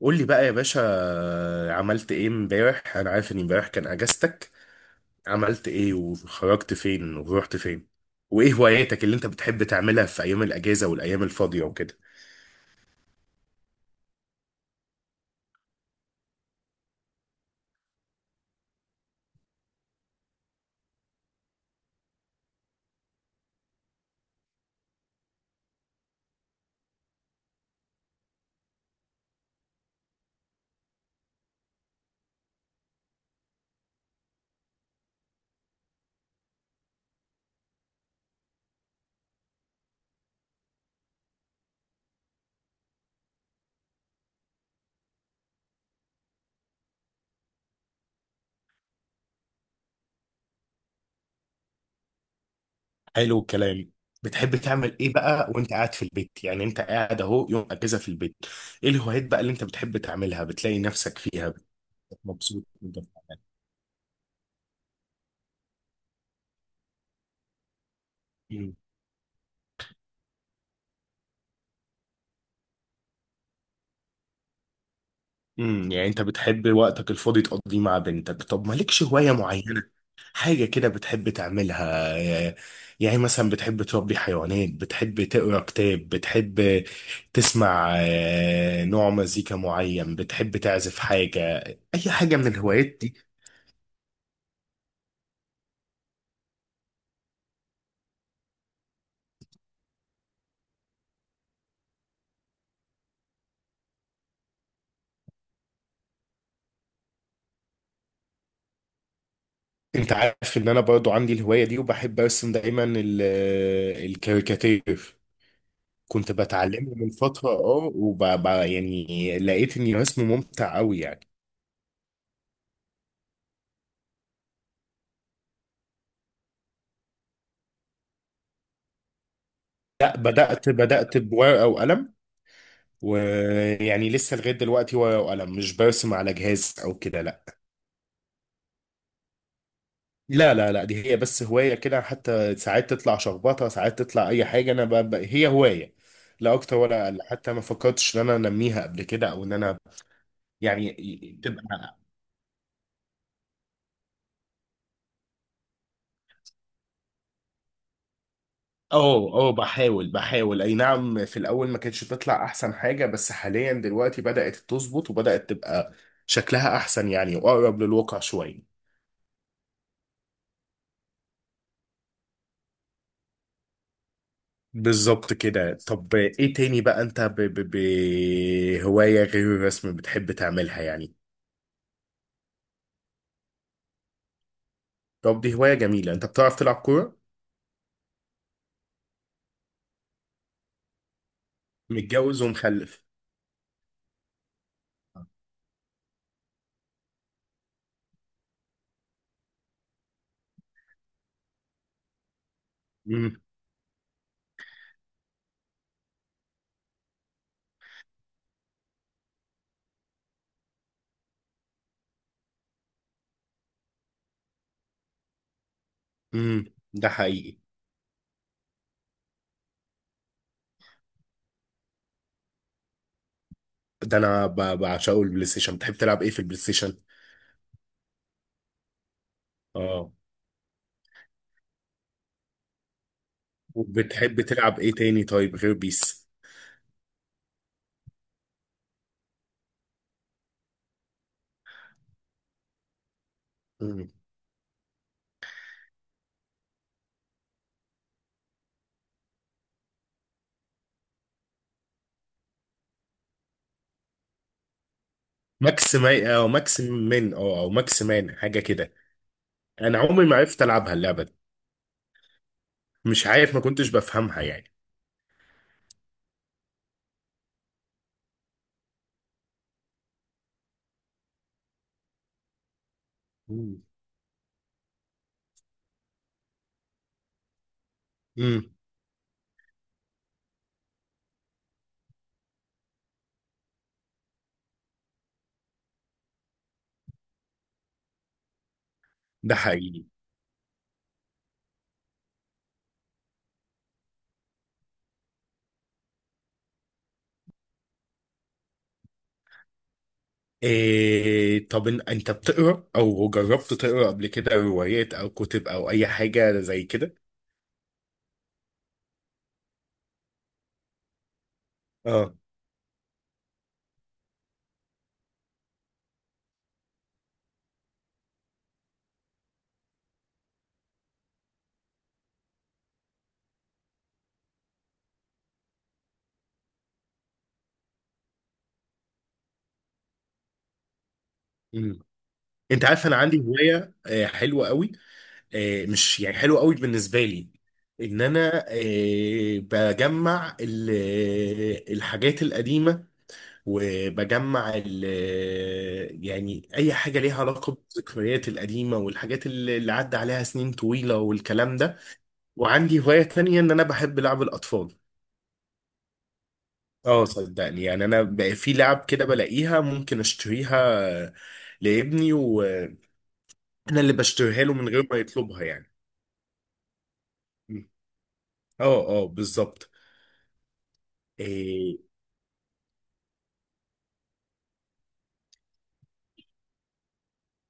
قول لي بقى يا باشا، عملت ايه امبارح؟ انا عارف ان امبارح كان اجازتك. عملت ايه وخرجت فين ورحت فين؟ وايه هواياتك اللي انت بتحب تعملها في ايام الاجازه والايام الفاضيه وكده؟ حلو الكلام. بتحب تعمل ايه بقى وانت قاعد في البيت؟ يعني انت قاعد اهو يوم اجازه في البيت، ايه الهوايات بقى اللي انت بتحب تعملها بتلاقي نفسك فيها بتبقى مبسوط وانت بتعملها؟ يعني انت بتحب وقتك الفاضي تقضيه مع بنتك. طب مالكش هواية معينة، حاجة كده بتحب تعملها؟ يعني مثلا بتحب تربي حيوانات، بتحب تقرا كتاب، بتحب تسمع نوع مزيكا معين، بتحب تعزف حاجة؟ اي حاجة من الهوايات دي؟ انت عارف ان انا برضو عندي الهواية دي وبحب ارسم دايما الكاريكاتير. كنت بتعلمه من فترة، يعني لقيت اني رسمه ممتع قوي يعني. لا، بدأت بورقة وقلم. ويعني لسه لغاية دلوقتي ورقة وقلم، مش برسم على جهاز أو كده، لا. لا لا لا دي هي بس هواية كده، حتى ساعات تطلع شخبطة ساعات تطلع أي حاجة. أنا هي هواية، لا أكتر ولا أقل. حتى ما فكرتش إن أنا أنميها قبل كده أو إن أنا يعني تبقى. أه أه، بحاول أي نعم. في الأول ما كانتش تطلع أحسن حاجة، بس حاليا دلوقتي بدأت تظبط وبدأت تبقى شكلها أحسن يعني، وأقرب للواقع شوية. بالظبط كده. طب ايه تاني بقى انت هواية غير الرسم بتحب تعملها يعني؟ طب دي هواية جميلة، انت بتعرف تلعب كورة؟ متجوز ومخلف. امم، امم، ده حقيقي. ده انا بعشقه البلاي ستيشن. بتحب تلعب ايه في البلاي ستيشن؟ اه، وبتحب تلعب ايه تاني طيب غير بيس؟ مم. ماكس ما او ماكس من او ماكس مان حاجة كده؟ انا عمري ما عرفت العبها اللعبة دي. مش عارف، ما كنتش بفهمها يعني. امم، ده حقيقي. إيه؟ طب انت بتقرا او جربت تقرا قبل كده روايات او كتب او اي حاجه زي كده؟ اه. امم. انت عارف انا عندي هوايه حلوه قوي. مش يعني حلوه قوي بالنسبه لي، ان انا بجمع الحاجات القديمه. وبجمع يعني اي حاجه ليها علاقه بالذكريات القديمه والحاجات اللي عدى عليها سنين طويله والكلام ده. وعندي هوايه تانية، ان انا بحب لعب الاطفال. اه صدقني، يعني انا بقى في لعب كده بلاقيها ممكن اشتريها لابني، وانا اللي بشتريها له من غير ما يطلبها يعني. م. اه اه، بالظبط. إيه؟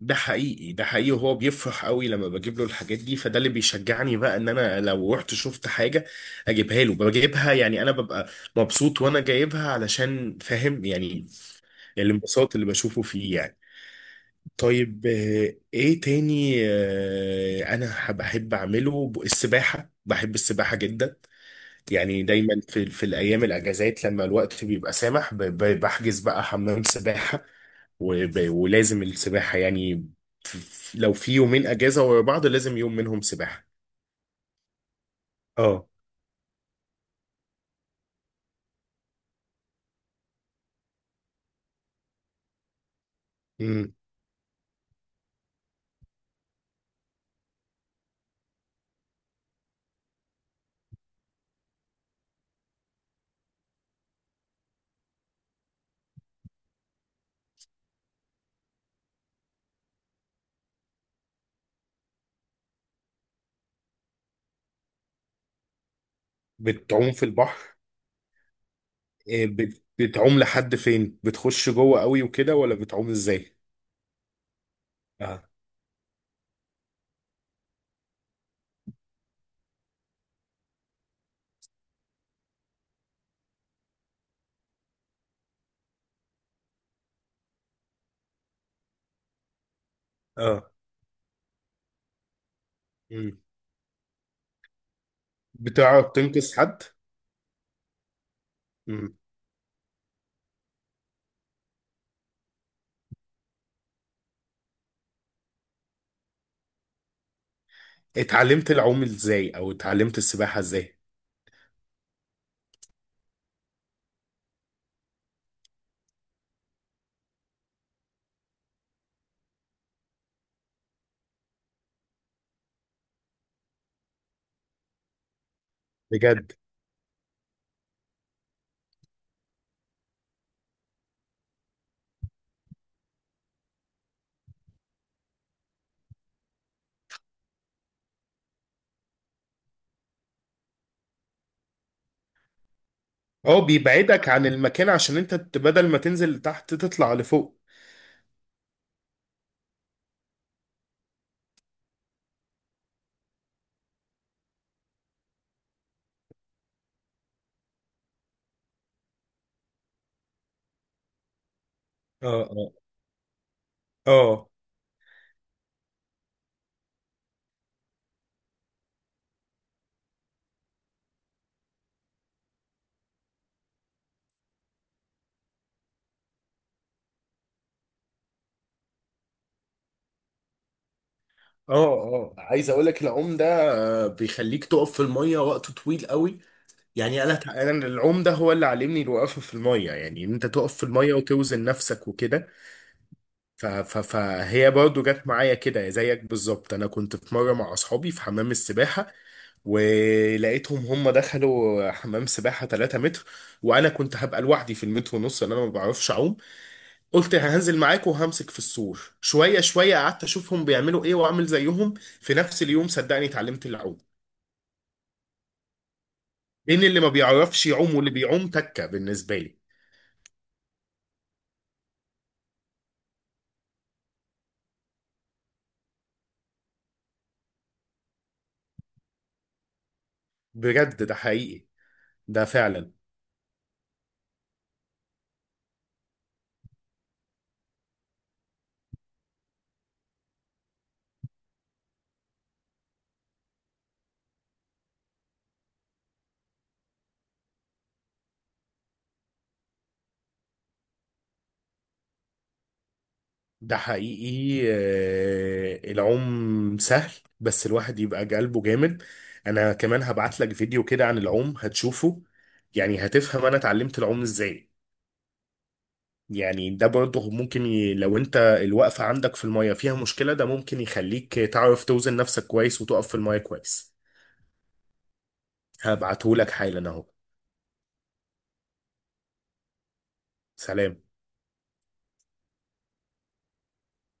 ده حقيقي، ده حقيقي. وهو بيفرح قوي لما بجيب له الحاجات دي، فده اللي بيشجعني بقى ان انا لو رحت شفت حاجة اجيبها له بجيبها. يعني انا ببقى مبسوط وانا جايبها، علشان فاهم يعني الانبساط اللي بشوفه فيه يعني. طيب ايه تاني انا بحب اعمله السباحة. بحب السباحة جدا. يعني دايما في الايام الاجازات لما الوقت بيبقى سامح بحجز بقى حمام سباحة ولازم السباحة يعني. لو في يومين اجازة ورا بعض، لازم يوم منهم سباحة. اه، امم، بتعوم في البحر؟ بتعوم لحد فين؟ بتخش جوه قوي وكده ولا بتعوم ازاي؟ اه اه، مم. بتعرف تنقذ حد؟ اتعلمت العوم ازاي او اتعلمت السباحة ازاي؟ بجد؟ اه، بيبعدك عن المكان عشان انت بدل ما تنزل تحت تطلع لفوق. اه اه، اه اه، اه، عايز اقول لك العوم ده بيخليك تقف في المية وقت طويل قوي. يعني انا العوم ده هو اللي علمني الوقفة في المية، يعني ان انت تقف في المية وتوزن نفسك وكده. فهي برضو جت معايا كده زيك بالظبط. انا كنت في مره مع اصحابي في حمام السباحه، ولقيتهم هم دخلوا حمام سباحه 3 متر. وانا كنت هبقى لوحدي في المتر ونص لان انا ما بعرفش اعوم. قلت هنزل معاكم وهمسك في السور شويه شويه. قعدت اشوفهم بيعملوا ايه واعمل زيهم. في نفس اليوم صدقني اتعلمت العوم. بين اللي ما بيعرفش يعوم واللي بيعوم تكه بالنسبه لي. بجد، ده حقيقي، ده فعلا. ده حقيقي العوم سهل، بس الواحد يبقى قلبه جامد. انا كمان هبعت لك فيديو كده عن العوم هتشوفه، يعني هتفهم انا اتعلمت العوم ازاي. يعني ده برضه ممكن لو انت الوقفة عندك في المية فيها مشكلة، ده ممكن يخليك تعرف توزن نفسك كويس وتقف في المية كويس. هبعته لك حالا اهو. سلام.